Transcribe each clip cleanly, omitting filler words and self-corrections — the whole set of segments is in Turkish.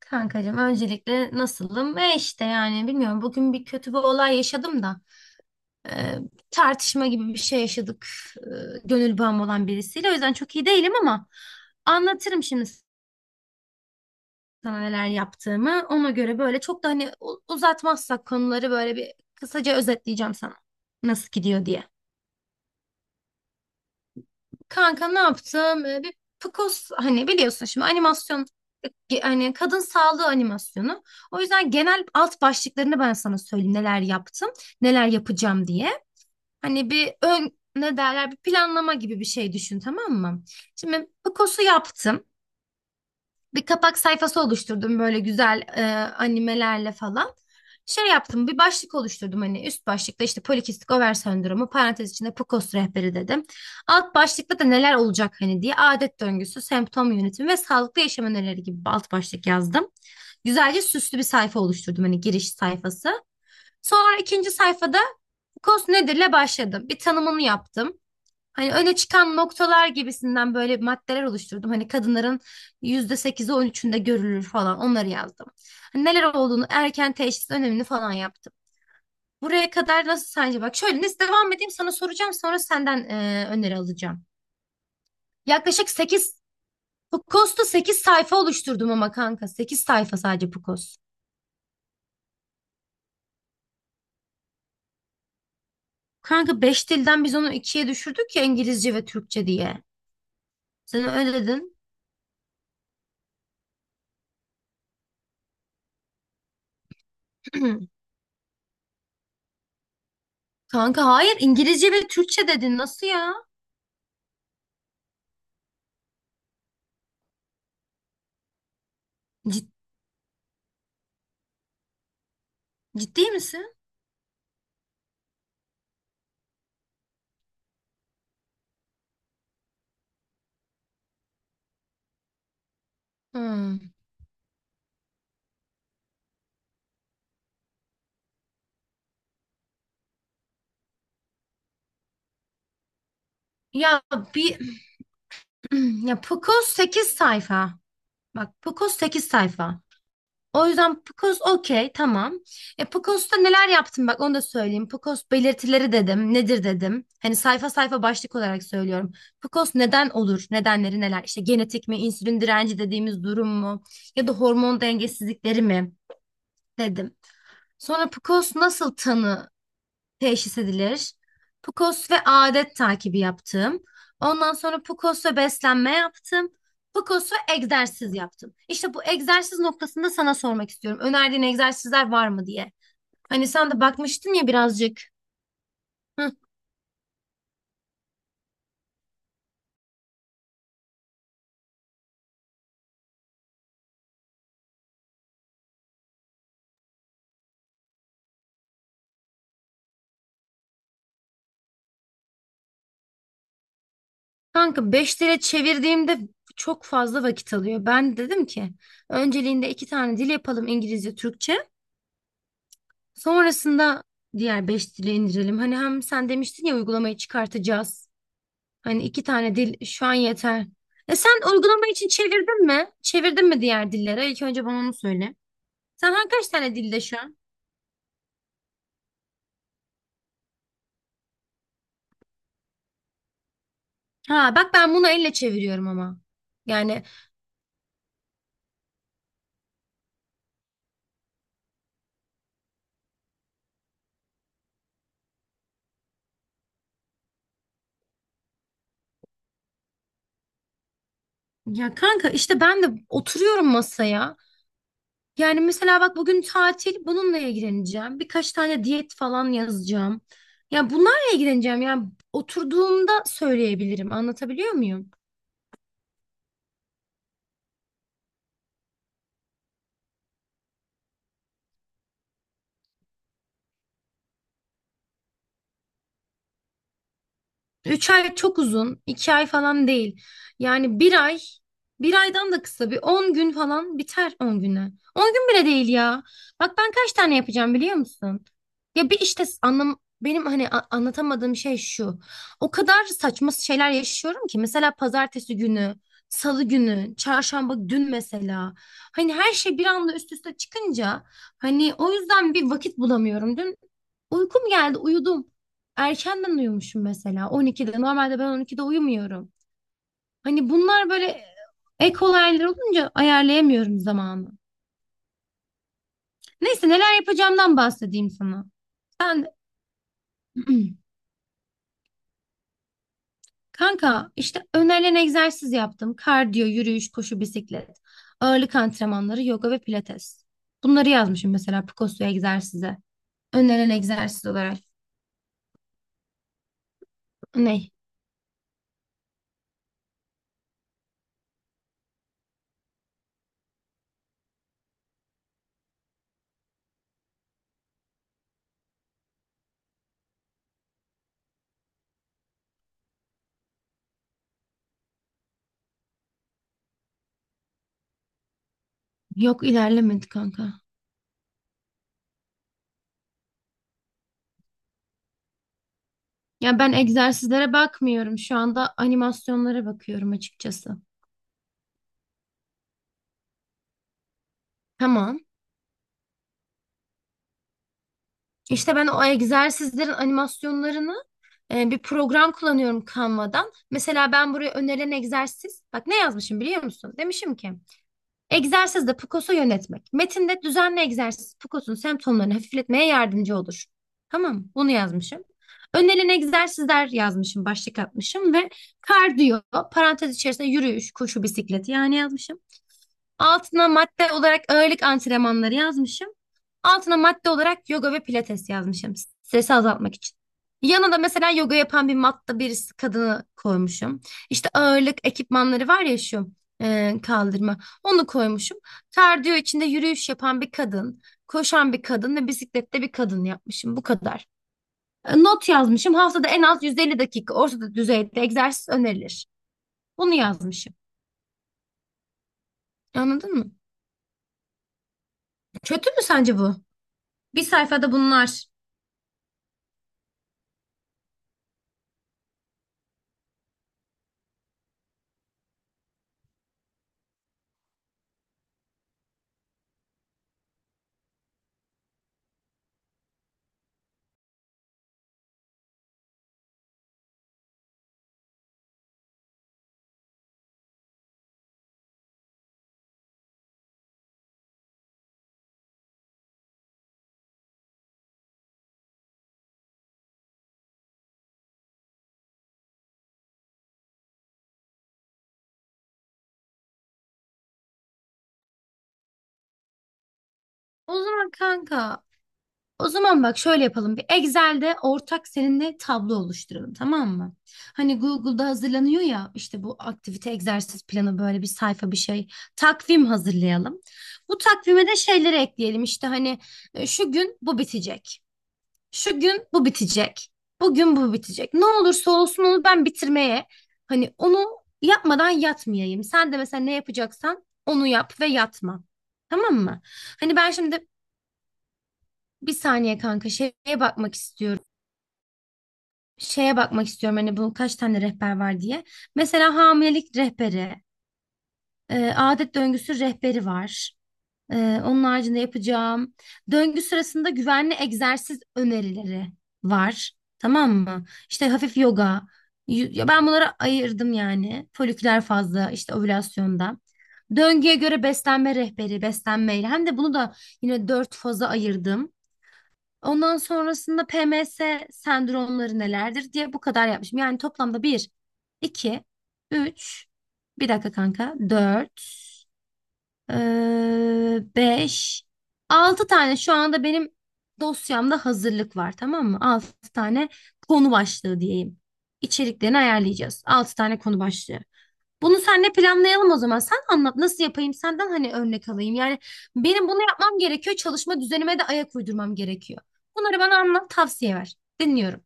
Kankacığım öncelikle nasılım? İşte yani bilmiyorum bugün bir kötü bir olay yaşadım da e, tartışma gibi bir şey yaşadık e, gönül bağım olan birisiyle. O yüzden çok iyi değilim ama anlatırım şimdi sana neler yaptığımı. Ona göre böyle çok da hani uzatmazsak konuları böyle bir kısaca özetleyeceğim sana nasıl gidiyor diye. Kanka ne yaptım? Bir PCOS hani biliyorsun şimdi animasyon, hani kadın sağlığı animasyonu. O yüzden genel alt başlıklarını ben sana söyleyeyim neler yaptım, neler yapacağım diye. Hani bir ön ne derler bir planlama gibi bir şey düşün, tamam mı? Şimdi PCOS'u yaptım, bir kapak sayfası oluşturdum böyle güzel animelerle falan. Şey yaptım, bir başlık oluşturdum, hani üst başlıkta işte polikistik over sendromu parantez içinde PCOS rehberi dedim. Alt başlıkta da neler olacak hani diye adet döngüsü, semptom yönetimi ve sağlıklı yaşam önerileri gibi bir alt başlık yazdım. Güzelce süslü bir sayfa oluşturdum, hani giriş sayfası. Sonra ikinci sayfada PCOS nedirle başladım. Bir tanımını yaptım. Hani öne çıkan noktalar gibisinden böyle maddeler oluşturdum. Hani kadınların yüzde sekizi on üçünde görülür falan, onları yazdım. Hani neler olduğunu, erken teşhis önemini falan yaptım. Buraya kadar nasıl sence? Bak şöyle, nasıl devam edeyim sana soracağım, sonra senden öneri alacağım. Yaklaşık 8 Pukos'ta 8 sayfa oluşturdum ama kanka 8 sayfa sadece Pukos. Kanka 5 dilden biz onu ikiye düşürdük ya, İngilizce ve Türkçe diye. Sen öyle dedin. Kanka hayır, İngilizce ve Türkçe dedin, nasıl ya? Ciddi misin? Hmm. Ya bir ya Pukos 8 sayfa. Bak Pukos 8 sayfa. O yüzden Pukos okey, tamam. E Pukos'ta neler yaptım, bak onu da söyleyeyim. Pukos belirtileri dedim. Nedir dedim. Hani sayfa sayfa başlık olarak söylüyorum. Pukos neden olur? Nedenleri neler? İşte genetik mi, insülin direnci dediğimiz durum mu? Ya da hormon dengesizlikleri mi? Dedim. Sonra Pukos nasıl tanı teşhis edilir. PCOS ve adet takibi yaptım. Ondan sonra PCOS ve beslenme yaptım. PCOS ve egzersiz yaptım. İşte bu egzersiz noktasında sana sormak istiyorum. Önerdiğin egzersizler var mı diye. Hani sen de bakmıştın ya birazcık. Hı. Kanka 5 lira çevirdiğimde çok fazla vakit alıyor. Ben dedim ki önceliğinde iki tane dil yapalım, İngilizce, Türkçe. Sonrasında diğer 5 dili indirelim. Hani hem sen demiştin ya, uygulamayı çıkartacağız. Hani iki tane dil şu an yeter. E sen uygulama için çevirdin mi? Çevirdin mi diğer dillere? İlk önce bana onu söyle. Sen hangi kaç tane dilde şu an? Ha bak ben bunu elle çeviriyorum ama. Yani ya kanka, işte ben de oturuyorum masaya. Yani mesela bak, bugün tatil, bununla ilgileneceğim. Birkaç tane diyet falan yazacağım. Ya bunlarla ilgileneceğim. Yani oturduğumda söyleyebilirim. Anlatabiliyor muyum? Üç ay çok uzun, iki ay falan değil. Yani bir ay, bir aydan da kısa, bir 10 gün falan biter, 10 güne. 10 gün bile değil ya. Bak ben kaç tane yapacağım biliyor musun? Ya bir işte anlam, benim hani anlatamadığım şey şu. O kadar saçma şeyler yaşıyorum ki, mesela pazartesi günü, salı günü, çarşamba, dün mesela. Hani her şey bir anda üst üste çıkınca hani o yüzden bir vakit bulamıyorum. Dün uykum geldi, uyudum. Erkenden uyumuşum mesela 12'de. Normalde ben 12'de uyumuyorum. Hani bunlar böyle ek olaylar olunca ayarlayamıyorum zamanı. Neyse, neler yapacağımdan bahsedeyim sana. Ben kanka işte önerilen egzersiz yaptım. Kardiyo, yürüyüş, koşu, bisiklet. Ağırlık antrenmanları, yoga ve pilates. Bunları yazmışım mesela Picosso egzersize. Önerilen egzersiz olarak. Ne? Yok, ilerlemedi kanka. Ya ben egzersizlere bakmıyorum. Şu anda animasyonlara bakıyorum açıkçası. Tamam. İşte ben o egzersizlerin animasyonlarını, bir program kullanıyorum Canva'dan. Mesela ben buraya önerilen egzersiz, bak ne yazmışım biliyor musun? Demişim ki egzersizde PCOS'u yönetmek. Metinde düzenli egzersiz PCOS'un semptomlarını hafifletmeye yardımcı olur. Tamam, bunu yazmışım. Önerilen egzersizler yazmışım, başlık atmışım ve kardiyo, parantez içerisinde yürüyüş, koşu, bisiklet yani yazmışım. Altına madde olarak ağırlık antrenmanları yazmışım. Altına madde olarak yoga ve pilates yazmışım. Stresi azaltmak için. Yanına da mesela yoga yapan bir matta birisi kadını koymuşum. İşte ağırlık ekipmanları var ya, şu kaldırma. Onu koymuşum. Kardiyo içinde yürüyüş yapan bir kadın, koşan bir kadın ve bisiklette bir kadın yapmışım. Bu kadar. E, not yazmışım. Haftada en az 150 dakika orta düzeyde egzersiz önerilir. Bunu yazmışım. Anladın mı? Kötü mü sence bu? Bir sayfada bunlar. O zaman kanka, o zaman bak şöyle yapalım. Bir Excel'de ortak seninle tablo oluşturalım, tamam mı? Hani Google'da hazırlanıyor ya, işte bu aktivite egzersiz planı böyle bir sayfa bir şey. Takvim hazırlayalım. Bu takvime de şeyleri ekleyelim. İşte hani şu gün bu bitecek. Şu gün bu bitecek. Bugün bu bitecek. Ne olursa olsun onu ben bitirmeye, hani onu yapmadan yatmayayım. Sen de mesela ne yapacaksan onu yap ve yatma. Tamam mı? Hani ben şimdi bir saniye kanka şeye bakmak istiyorum. Şeye bakmak istiyorum hani bu kaç tane rehber var diye. Mesela hamilelik rehberi, adet döngüsü rehberi var. Onun haricinde yapacağım. Döngü sırasında güvenli egzersiz önerileri var. Tamam mı? İşte hafif yoga. Ya ben bunları ayırdım yani. Foliküler fazla, işte ovülasyonda. Döngüye göre beslenme rehberi, beslenmeyle. Hem de bunu da yine dört faza ayırdım. Ondan sonrasında PMS sendromları nelerdir diye bu kadar yapmışım. Yani toplamda bir, iki, üç, bir dakika kanka, dört. Beş. Altı tane şu anda benim dosyamda hazırlık var, tamam mı? Altı tane konu başlığı diyeyim. İçeriklerini ayarlayacağız. Altı tane konu başlığı. Bunu senle planlayalım o zaman. Sen anlat nasıl yapayım, senden hani örnek alayım. Yani benim bunu yapmam gerekiyor. Çalışma düzenime de ayak uydurmam gerekiyor. Bunları bana anlat, tavsiye ver. Dinliyorum.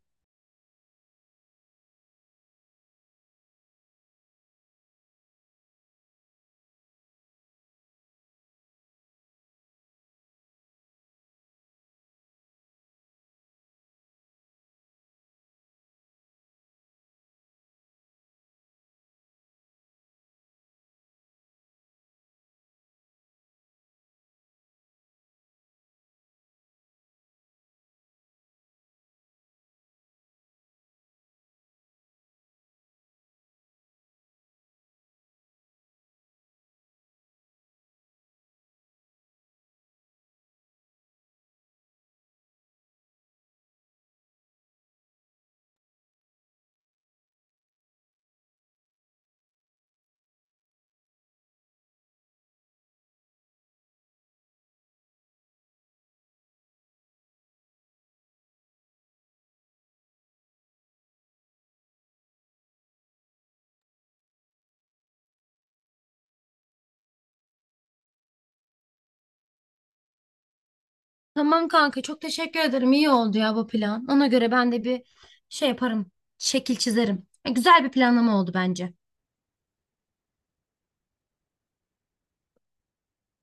Tamam kanka, çok teşekkür ederim. İyi oldu ya bu plan. Ona göre ben de bir şey yaparım. Şekil çizerim. Yani güzel bir planlama oldu bence.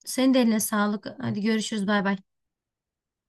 Senin de eline sağlık. Hadi görüşürüz. Bay bay.